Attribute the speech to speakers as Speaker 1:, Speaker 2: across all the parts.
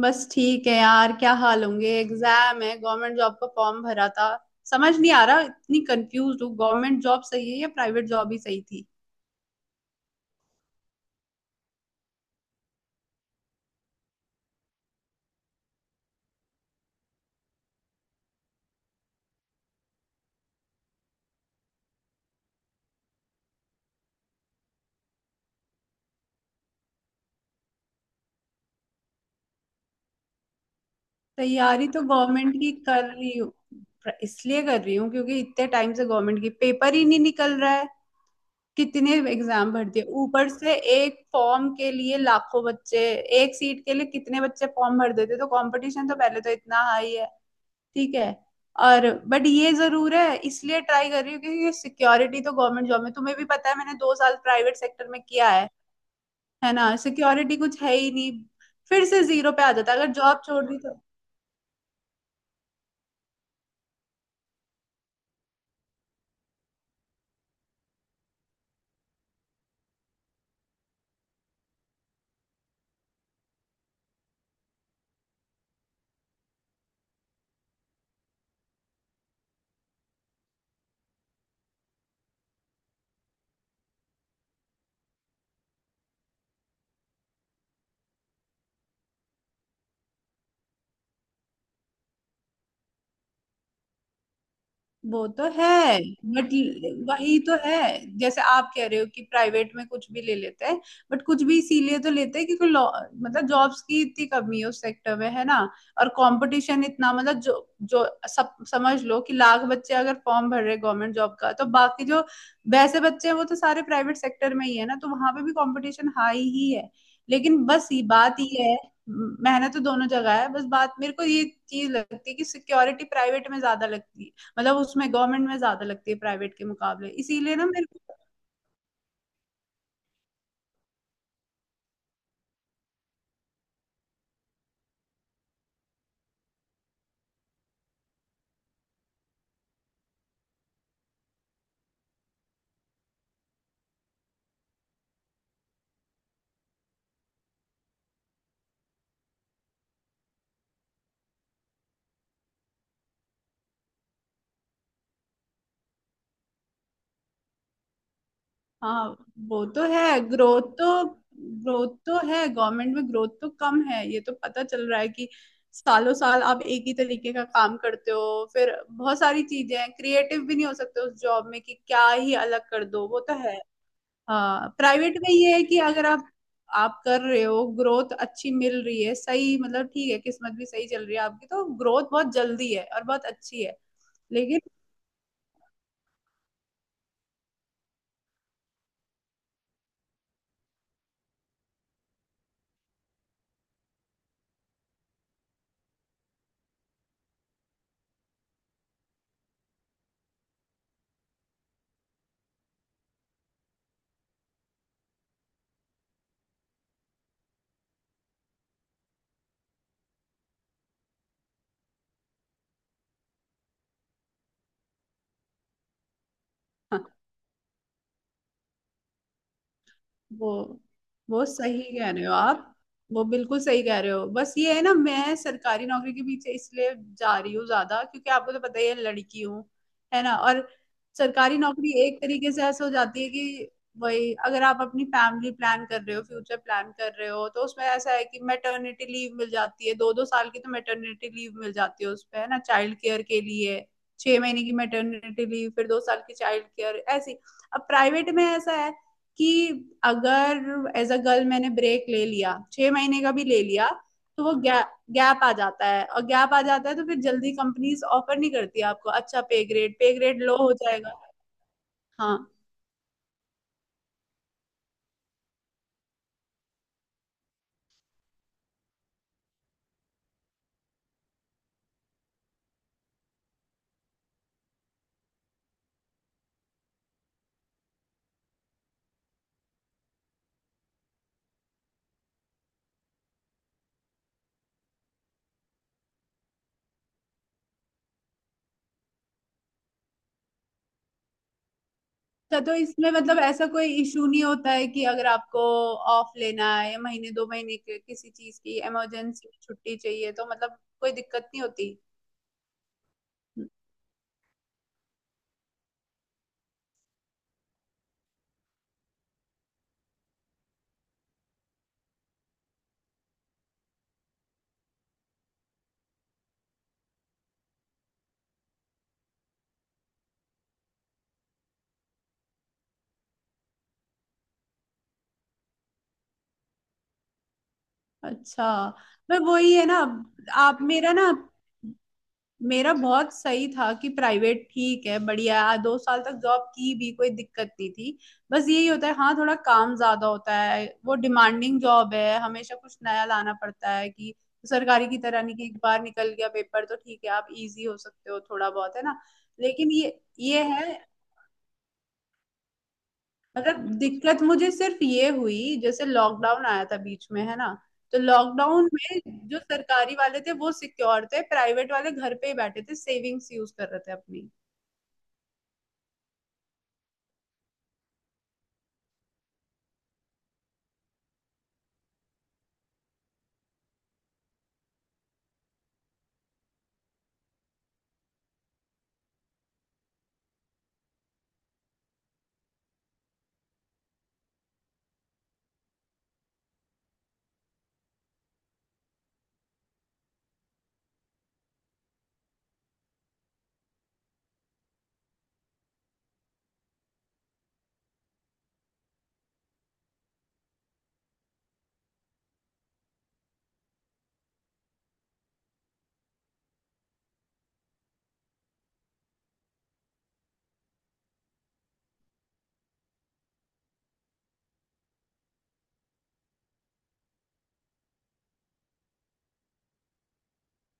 Speaker 1: बस ठीक है यार, क्या हाल होंगे। एग्जाम है, गवर्नमेंट जॉब का फॉर्म भरा था। समझ नहीं आ रहा, इतनी कंफ्यूज हूँ, गवर्नमेंट जॉब सही है या प्राइवेट जॉब ही सही थी। तैयारी तो गवर्नमेंट की कर रही हूँ, इसलिए कर रही हूँ क्योंकि इतने टाइम से गवर्नमेंट की पेपर ही नहीं निकल रहा है। कितने एग्जाम भर दिए ऊपर से। एक फॉर्म के लिए लाखों बच्चे, एक सीट के लिए कितने बच्चे फॉर्म भर देते, तो कंपटीशन तो पहले तो इतना हाई है। ठीक है। और बट ये जरूर है, इसलिए ट्राई कर रही हूँ क्योंकि सिक्योरिटी तो गवर्नमेंट जॉब में, तुम्हें भी पता है, मैंने 2 साल प्राइवेट सेक्टर में किया है। है ना, सिक्योरिटी कुछ है ही नहीं। फिर से जीरो पे आ जाता है अगर जॉब छोड़ दी तो। वो तो है। बट वही तो है, जैसे आप कह रहे हो कि प्राइवेट में कुछ भी ले लेते हैं। बट कुछ भी इसीलिए तो लेते हैं क्योंकि मतलब जॉब्स की इतनी कमी है उस सेक्टर में, है ना। और कंपटीशन इतना, मतलब जो जो सब समझ लो कि लाख बच्चे अगर फॉर्म भर रहे गवर्नमेंट जॉब का, तो बाकी जो वैसे बच्चे हैं वो तो सारे प्राइवेट सेक्टर में ही है ना, तो वहां पे भी कंपटीशन हाई ही है। लेकिन बस ये बात ये है, मेहनत तो दोनों जगह है। बस बात मेरे को ये चीज लगती है कि सिक्योरिटी प्राइवेट में ज्यादा लगती है, मतलब उसमें गवर्नमेंट में ज्यादा लगती है प्राइवेट के मुकाबले, इसीलिए ना मेरे को। हाँ वो तो है, ग्रोथ तो, ग्रोथ तो है, गवर्नमेंट में ग्रोथ तो कम है। ये तो पता चल रहा है कि सालों साल आप एक ही तरीके का काम करते हो। फिर बहुत सारी चीजें हैं, क्रिएटिव भी नहीं हो सकते उस जॉब में कि क्या ही अलग कर दो, वो तो है। हाँ, प्राइवेट में ये है कि अगर आप कर रहे हो, ग्रोथ अच्छी मिल रही है, सही, मतलब ठीक है, किस्मत भी सही चल रही है आपकी, तो ग्रोथ बहुत जल्दी है और बहुत अच्छी है। लेकिन हाँ, वो वो सही कह रहे हो आप, वो बिल्कुल सही कह रहे हो। बस ये है ना, मैं सरकारी नौकरी के पीछे इसलिए जा रही हूँ ज्यादा क्योंकि आपको तो पता ही है, लड़की हूँ, है ना। और सरकारी नौकरी एक तरीके से ऐसा हो जाती है कि वही अगर आप अपनी फैमिली प्लान कर रहे हो, फ्यूचर प्लान कर रहे हो, तो उसमें ऐसा है कि मैटरनिटी लीव मिल जाती है, 2-2 साल की तो मैटरनिटी लीव मिल जाती है उसपे, है ना, चाइल्ड केयर के लिए। 6 महीने की मैटरनिटी लीव, फिर 2 साल की चाइल्ड केयर ऐसी। अब प्राइवेट में ऐसा है कि अगर एज अ गर्ल मैंने ब्रेक ले लिया, 6 महीने का भी ले लिया, तो वो गैप गैप आ जाता है, और गैप आ जाता है तो फिर जल्दी कंपनीज ऑफर नहीं करती आपको, अच्छा पे ग्रेड लो हो जाएगा। हाँ अच्छा, तो इसमें मतलब ऐसा कोई इशू नहीं होता है कि अगर आपको ऑफ लेना है या महीने दो महीने के किसी चीज की इमरजेंसी छुट्टी चाहिए, तो मतलब कोई दिक्कत नहीं होती। अच्छा, पर वही है ना, आप मेरा ना, मेरा बहुत सही था कि प्राइवेट ठीक है, बढ़िया है, 2 साल तक जॉब की भी कोई दिक्कत नहीं थी। बस यही होता है, हाँ थोड़ा काम ज्यादा होता है, वो डिमांडिंग जॉब है, हमेशा कुछ नया लाना पड़ता है, कि सरकारी की तरह नहीं कि एक बार निकल गया पेपर तो ठीक है आप इजी हो सकते हो थोड़ा बहुत, है ना। लेकिन ये है, मतलब दिक्कत मुझे सिर्फ ये हुई, जैसे लॉकडाउन आया था बीच में, है ना। तो लॉकडाउन में जो सरकारी वाले थे वो सिक्योर थे, प्राइवेट वाले घर पे ही बैठे थे, सेविंग्स यूज कर रहे थे अपनी।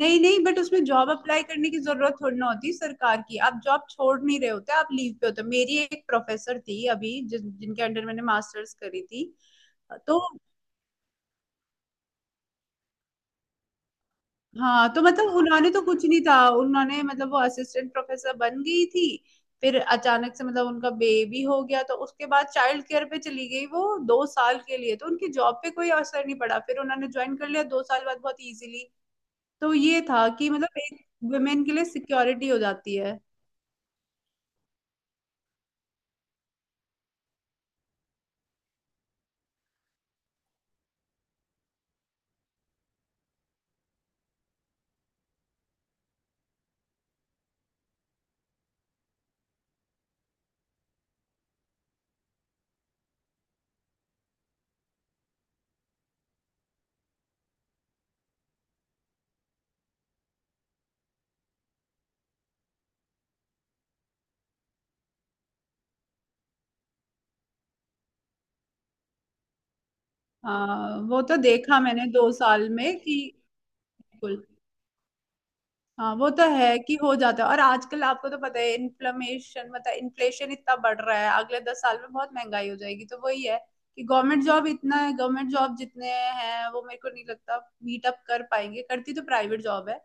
Speaker 1: नहीं नहीं, बट उसमें जॉब अप्लाई करने की जरूरत थोड़ी ना होती सरकार की, आप जॉब छोड़ नहीं रहे होते, आप लीव पे होते हो। मेरी एक प्रोफेसर थी अभी जिस जिनके अंडर मैंने मास्टर्स करी थी। तो हाँ, तो मतलब उन्होंने तो कुछ नहीं था, उन्होंने मतलब वो असिस्टेंट प्रोफेसर बन गई थी, फिर अचानक से मतलब उनका बेबी हो गया, तो उसके बाद चाइल्ड केयर पे चली गई वो 2 साल के लिए, तो उनकी जॉब पे कोई असर नहीं पड़ा, फिर उन्होंने ज्वाइन कर लिया 2 साल बाद बहुत इजीली। तो ये था कि मतलब एक वुमेन के लिए सिक्योरिटी हो जाती है। हाँ वो तो देखा मैंने दो साल में, कि बिल्कुल। हाँ वो तो है कि हो जाता है, और आजकल आपको तो पता है इन्फ्लेमेशन, मतलब इन्फ्लेशन इतना बढ़ रहा है, अगले 10 साल में बहुत महंगाई हो जाएगी, तो वही है कि गवर्नमेंट जॉब इतना है, गवर्नमेंट जॉब जितने हैं वो मेरे को नहीं लगता मीट अप कर पाएंगे, करती तो प्राइवेट जॉब है।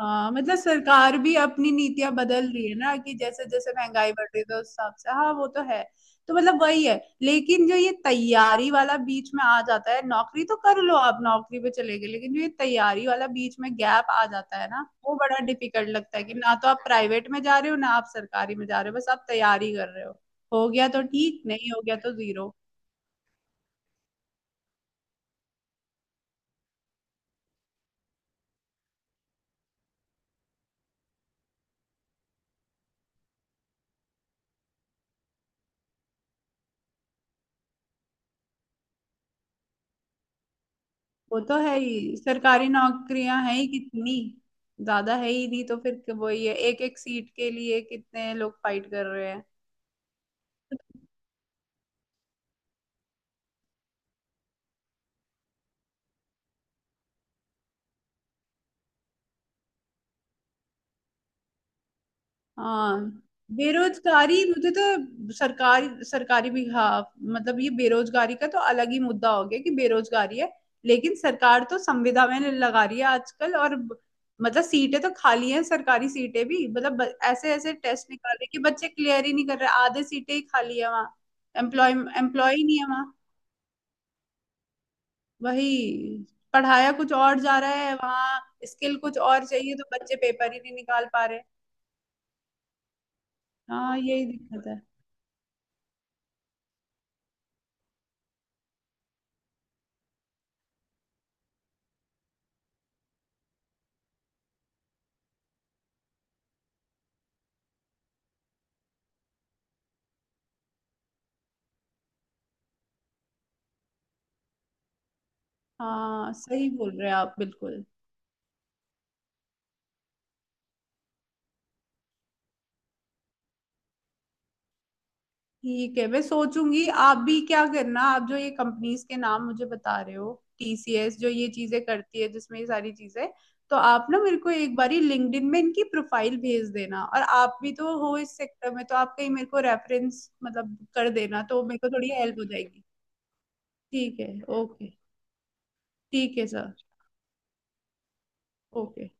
Speaker 1: हाँ मतलब सरकार भी अपनी नीतियां बदल रही है ना, कि जैसे जैसे महंगाई बढ़ रही है तो उस हिसाब से, हाँ वो तो है। तो मतलब वही है, लेकिन जो ये तैयारी वाला बीच में आ जाता है, नौकरी तो कर लो, आप नौकरी पे चले गए, लेकिन जो ये तैयारी वाला बीच में गैप आ जाता है ना, वो बड़ा डिफिकल्ट लगता है कि ना तो आप प्राइवेट में जा रहे हो, ना आप सरकारी में जा रहे हो, बस आप तैयारी कर रहे हो गया तो ठीक, नहीं हो गया तो जीरो। वो तो है ही, सरकारी नौकरियां हैं ही कितनी, ज्यादा है ही नहीं, तो फिर वो ये एक एक सीट के लिए कितने लोग फाइट कर रहे हैं। हाँ बेरोजगारी, मुझे तो सरकारी सरकारी भी, हाँ, मतलब ये बेरोजगारी का तो अलग ही मुद्दा हो गया कि बेरोजगारी है, लेकिन सरकार तो संविदा में लगा रही है आजकल। और मतलब सीटें तो खाली हैं, सरकारी सीटें भी, मतलब ऐसे ऐसे टेस्ट निकाल रहे हैं कि बच्चे क्लियर ही नहीं कर रहे, आधे सीटें ही खाली है वहाँ। एम्प्लॉय एम्प्लॉय ही नहीं है वहाँ, वही, पढ़ाया कुछ और जा रहा है वहाँ, स्किल कुछ और चाहिए, तो बच्चे पेपर ही नहीं निकाल पा रहे। हाँ यही दिक्कत है। हाँ सही बोल रहे हैं आप, बिल्कुल। ठीक है मैं सोचूंगी, आप भी क्या करना, आप जो ये कंपनीज के नाम मुझे बता रहे हो, टीसीएस जो ये चीजें करती है जिसमें ये सारी चीजें, तो आप ना मेरे को एक बारी लिंक्डइन में इनकी प्रोफाइल भेज देना, और आप भी तो हो इस सेक्टर में, तो आप कहीं मेरे को रेफरेंस, मतलब कर देना, तो मेरे को थोड़ी हेल्प हो जाएगी। ठीक है, ओके। ठीक है सर, ओके।